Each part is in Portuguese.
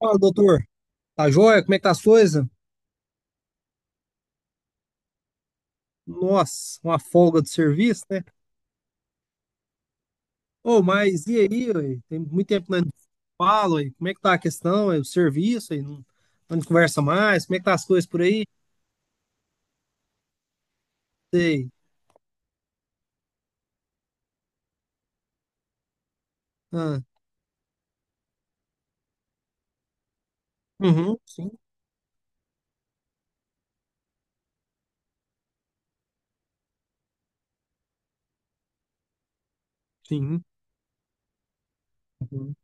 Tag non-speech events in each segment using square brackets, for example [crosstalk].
Fala, doutor. Tá joia? Como é que tá as coisas? Nossa, uma folga do serviço, né? Ô, mas e aí, ué? Tem muito tempo que nós não falo, ué. Como é que tá a questão, ué? O serviço, ué? Não, não conversa mais? Como é que tá as coisas por aí? Sei. Ah, uhum, sim, sim. Uhum,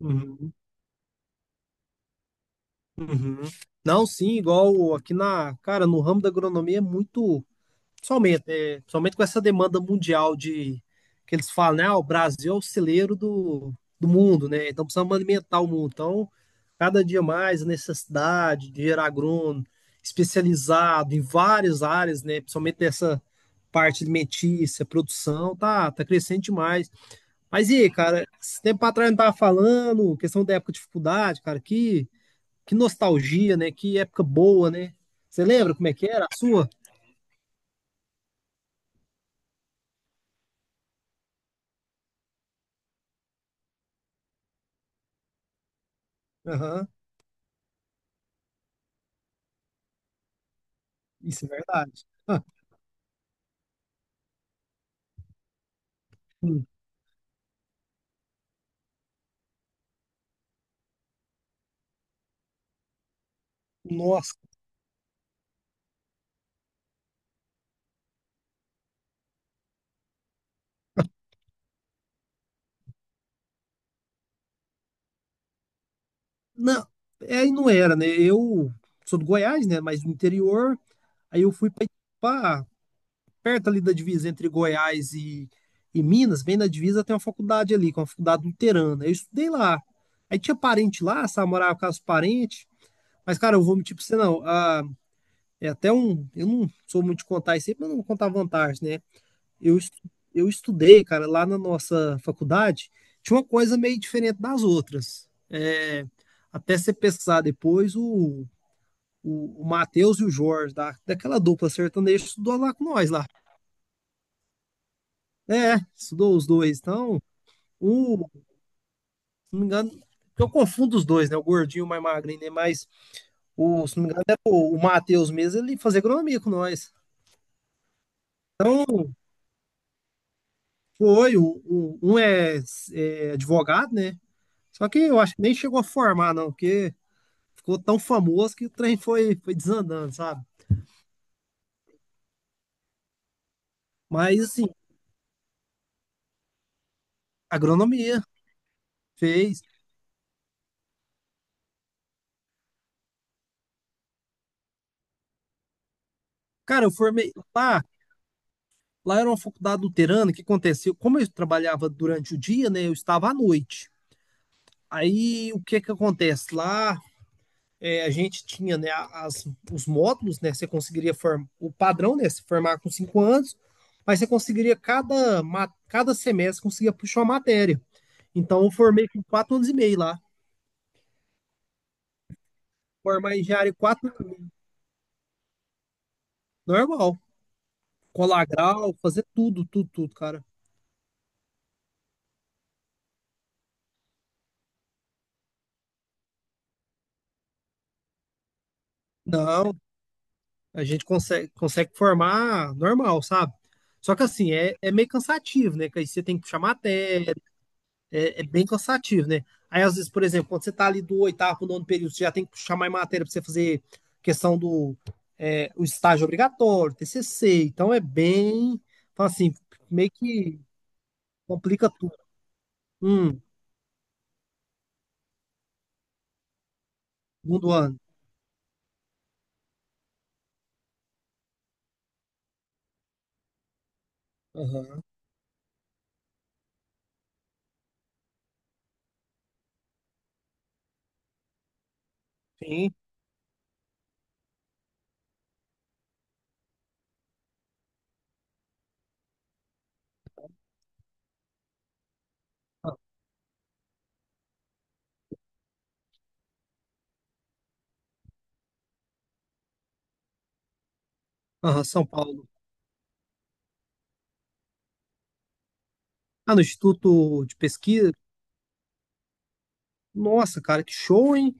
uhum, uhum. Não, sim, igual aqui na, cara, no ramo da agronomia é muito. Somente com essa demanda mundial de que eles falam, né? Ah, o Brasil é o celeiro do mundo, né? Então precisamos alimentar o mundo. Então, cada dia mais a necessidade de gerar agrônomo especializado em várias áreas, né? Principalmente dessa parte alimentícia, produção, tá crescendo demais. Mas e aí, cara, esse tempo atrás eu não tava falando, questão da época de dificuldade, cara, que nostalgia, né? Que época boa, né? Você lembra como é que era a sua? Aham, isso é verdade. Hum. Nossa, não, é, aí não era, né? Eu sou do Goiás, né? Mas do interior, aí eu fui para perto ali da divisa entre Goiás e Minas, bem na divisa tem uma faculdade ali, que é uma faculdade luterana. Eu estudei lá. Aí tinha parente lá, sabe? Morava com os parentes. Mas, cara, eu vou mentir pra você, não. Ah, é até um. Eu não sou muito de contar isso aí, mas eu não vou contar vantagem, né? Eu estudei, cara, lá na nossa faculdade, tinha uma coisa meio diferente das outras. É, até você pesquisar depois, o Matheus e o Jorge, daquela dupla sertaneja, estudou lá com nós lá. É, estudou os dois. Então, se não me engano, eu confundo os dois, né? O gordinho e o mais magrinho, né? Mas, se não me engano, era o Matheus mesmo, ele fazia agronomia com nós. Então, um é advogado, né? Só que eu acho que nem chegou a formar, não, porque ficou tão famoso que o trem foi desandando, sabe? Mas, assim, agronomia fez. Cara, eu formei lá, lá era uma faculdade luterana, o que aconteceu? Como eu trabalhava durante o dia, né, eu estava à noite. Aí, o que que acontece? Lá, é, a gente tinha, né, as, os módulos, né, você conseguiria formar, o padrão, né, se formar com cinco anos, mas você conseguiria, cada, ma- cada semestre, conseguia puxar uma matéria. Então, eu formei com quatro anos e meio lá. Formar engenharia em quatro, anos e meio, normal. Colar grau, fazer tudo, tudo, tudo, cara. Não, a gente consegue, formar normal, sabe? Só que assim, é meio cansativo, né? Que aí você tem que puxar matéria, é bem cansativo, né? Aí, às vezes, por exemplo, quando você tá ali do oitavo pro nono período, você já tem que puxar mais matéria pra você fazer questão do o estágio obrigatório, TCC. Então é bem, fala assim, meio que complica tudo. Hum. Segundo ano. Aham, sim. Ah, aham, São Paulo. Ah, no Instituto de Pesquisa. Nossa, cara, que show, hein?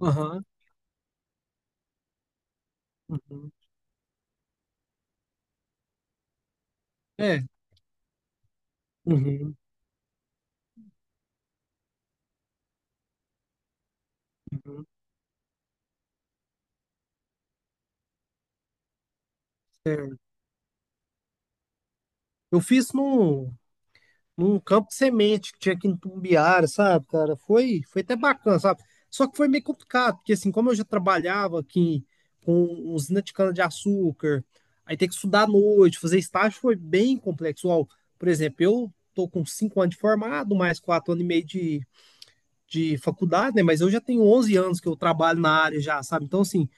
Aham, uhum. É. Uhum, uhum, certo. Eu fiz num, campo de semente que tinha aqui em Tumbiara, sabe, cara? Foi até bacana, sabe? Só que foi meio complicado, porque assim, como eu já trabalhava aqui com usina de cana-de-açúcar, aí ter que estudar à noite, fazer estágio foi bem complexo. Ó, por exemplo, eu tô com cinco anos de formado, mais quatro anos e meio de faculdade, né? Mas eu já tenho 11 anos que eu trabalho na área já, sabe? Então, assim,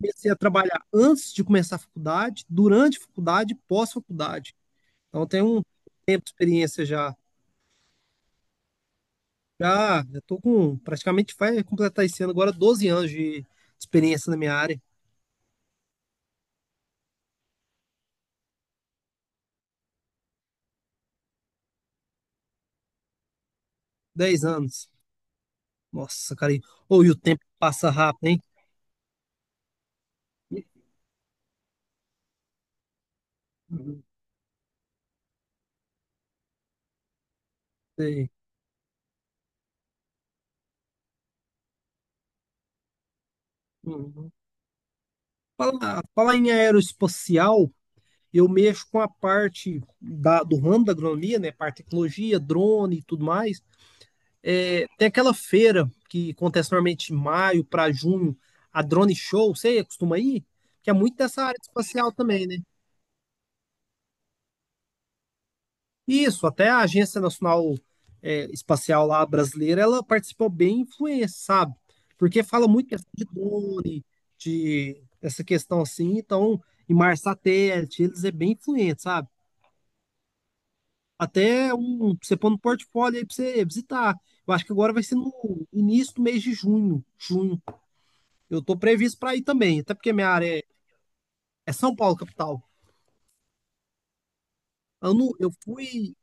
comecei a trabalhar antes de começar a faculdade, durante a faculdade, e pós-faculdade. Então, eu tenho um tempo de experiência já. Já, estou com praticamente vai completar esse ano agora 12 anos de experiência na minha área, 10 anos. Nossa, cara, ou e o tempo passa rápido, hein? Uhum. Sei. Uhum. Falar em aeroespacial, eu mexo com a parte da, do ramo da agronomia, né? Parte de tecnologia, drone e tudo mais. É, tem aquela feira que acontece normalmente em maio para junho, a Drone Show, você costuma ir? Que é muito dessa área espacial também, né? Isso, até a Agência Nacional Espacial lá brasileira, ela participou bem influência, sabe? Porque fala muito questão de drone, de essa questão assim, então, em mar satélite, eles é bem influente, sabe? Até um, pra você pôr no portfólio aí pra você visitar. Eu acho que agora vai ser no início do mês de junho, junho. Eu tô previsto para ir também, até porque minha área é, é São Paulo, capital. Eu, não- eu fui.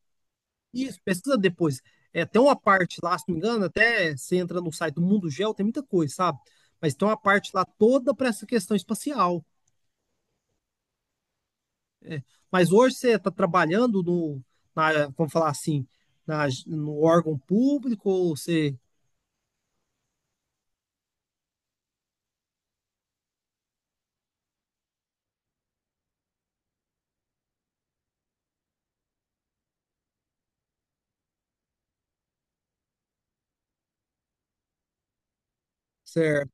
Isso, pesquisa depois. É, tem uma parte lá, se não me engano, até você entra no site do Mundo Geo, tem muita coisa, sabe? Mas tem uma parte lá toda para essa questão espacial. Mas hoje você está trabalhando no, na, vamos falar assim, no órgão público, ou você,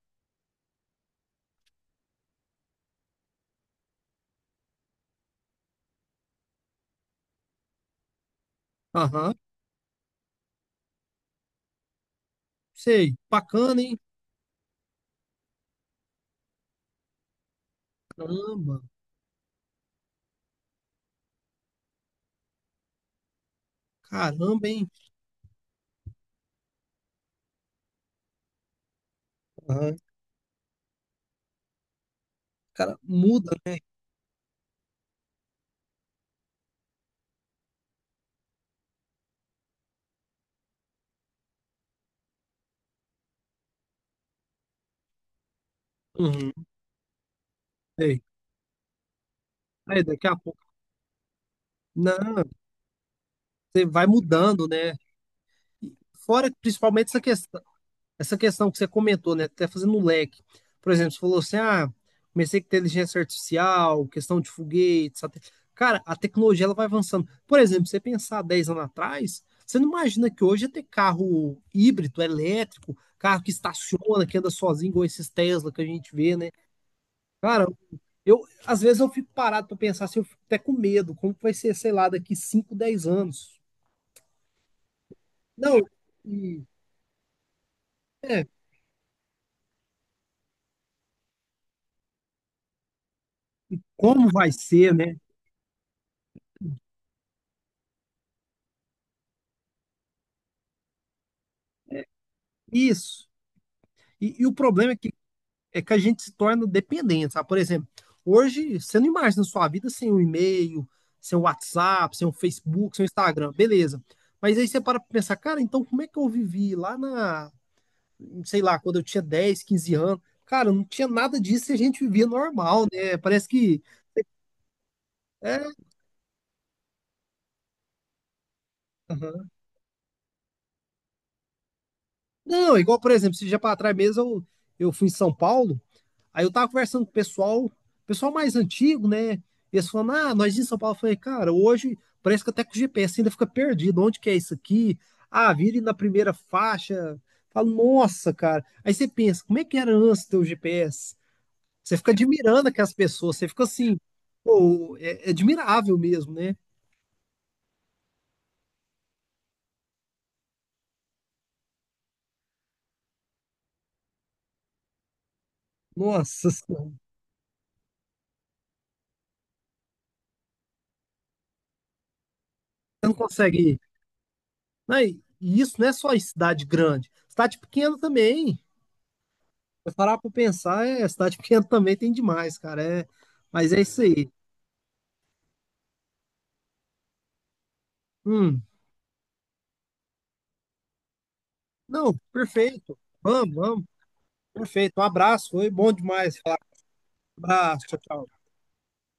aham, sei, bacana, hein? Caramba, caramba, hein? Aham. Cara, muda, né? Uhum, sei. Aí daqui a pouco. Não. Você vai mudando, né? Fora principalmente essa questão que você comentou, né? Até fazendo um leque. Por exemplo, você falou assim: ah, comecei com inteligência artificial, questão de foguetes. Satel- cara, a tecnologia ela vai avançando. Por exemplo, você pensar 10 anos atrás, você não imagina que hoje ia ter carro híbrido, elétrico, carro que estaciona, que anda sozinho, igual esses Tesla que a gente vê, né? Cara, eu às vezes eu fico parado para pensar se eu fico até com medo, como que vai ser, sei lá, daqui 5, 10 anos. Não. e- é, Como vai ser, né? Isso. E o problema é que, a gente se torna dependente, sabe? Por exemplo, hoje você não imagina sua vida sem um e-mail, sem um WhatsApp, sem um Facebook, sem um Instagram, beleza. Mas aí você para pra pensar, cara, então como é que eu vivi lá na, sei lá, quando eu tinha 10, 15 anos? Cara, não tinha nada disso e a gente vivia normal, né? Parece que. É, aham. Não, igual, por exemplo, esse dia para trás mesmo eu fui em São Paulo. Aí eu tava conversando com o pessoal mais antigo, né? Eles falando, ah, nós em São Paulo. Eu falei, cara, hoje parece que até com o GPS ainda fica perdido. Onde que é isso aqui? Ah, vire na primeira faixa. Falo, nossa, cara. Aí você pensa, como é que era antes ter o GPS? Você fica admirando aquelas pessoas, você fica assim, pô, é, é admirável mesmo, né? Nossa, senhora, você não consegue ir. Não, e isso não é só em cidade grande, cidade pequena também. Se parar pra pensar, cidade [laughs] pequena também tem demais, cara. É, mas é isso aí. Hum, não, perfeito. Vamos, vamos. Perfeito. Um abraço, foi bom demais falar. Abraço, tchau, tchau.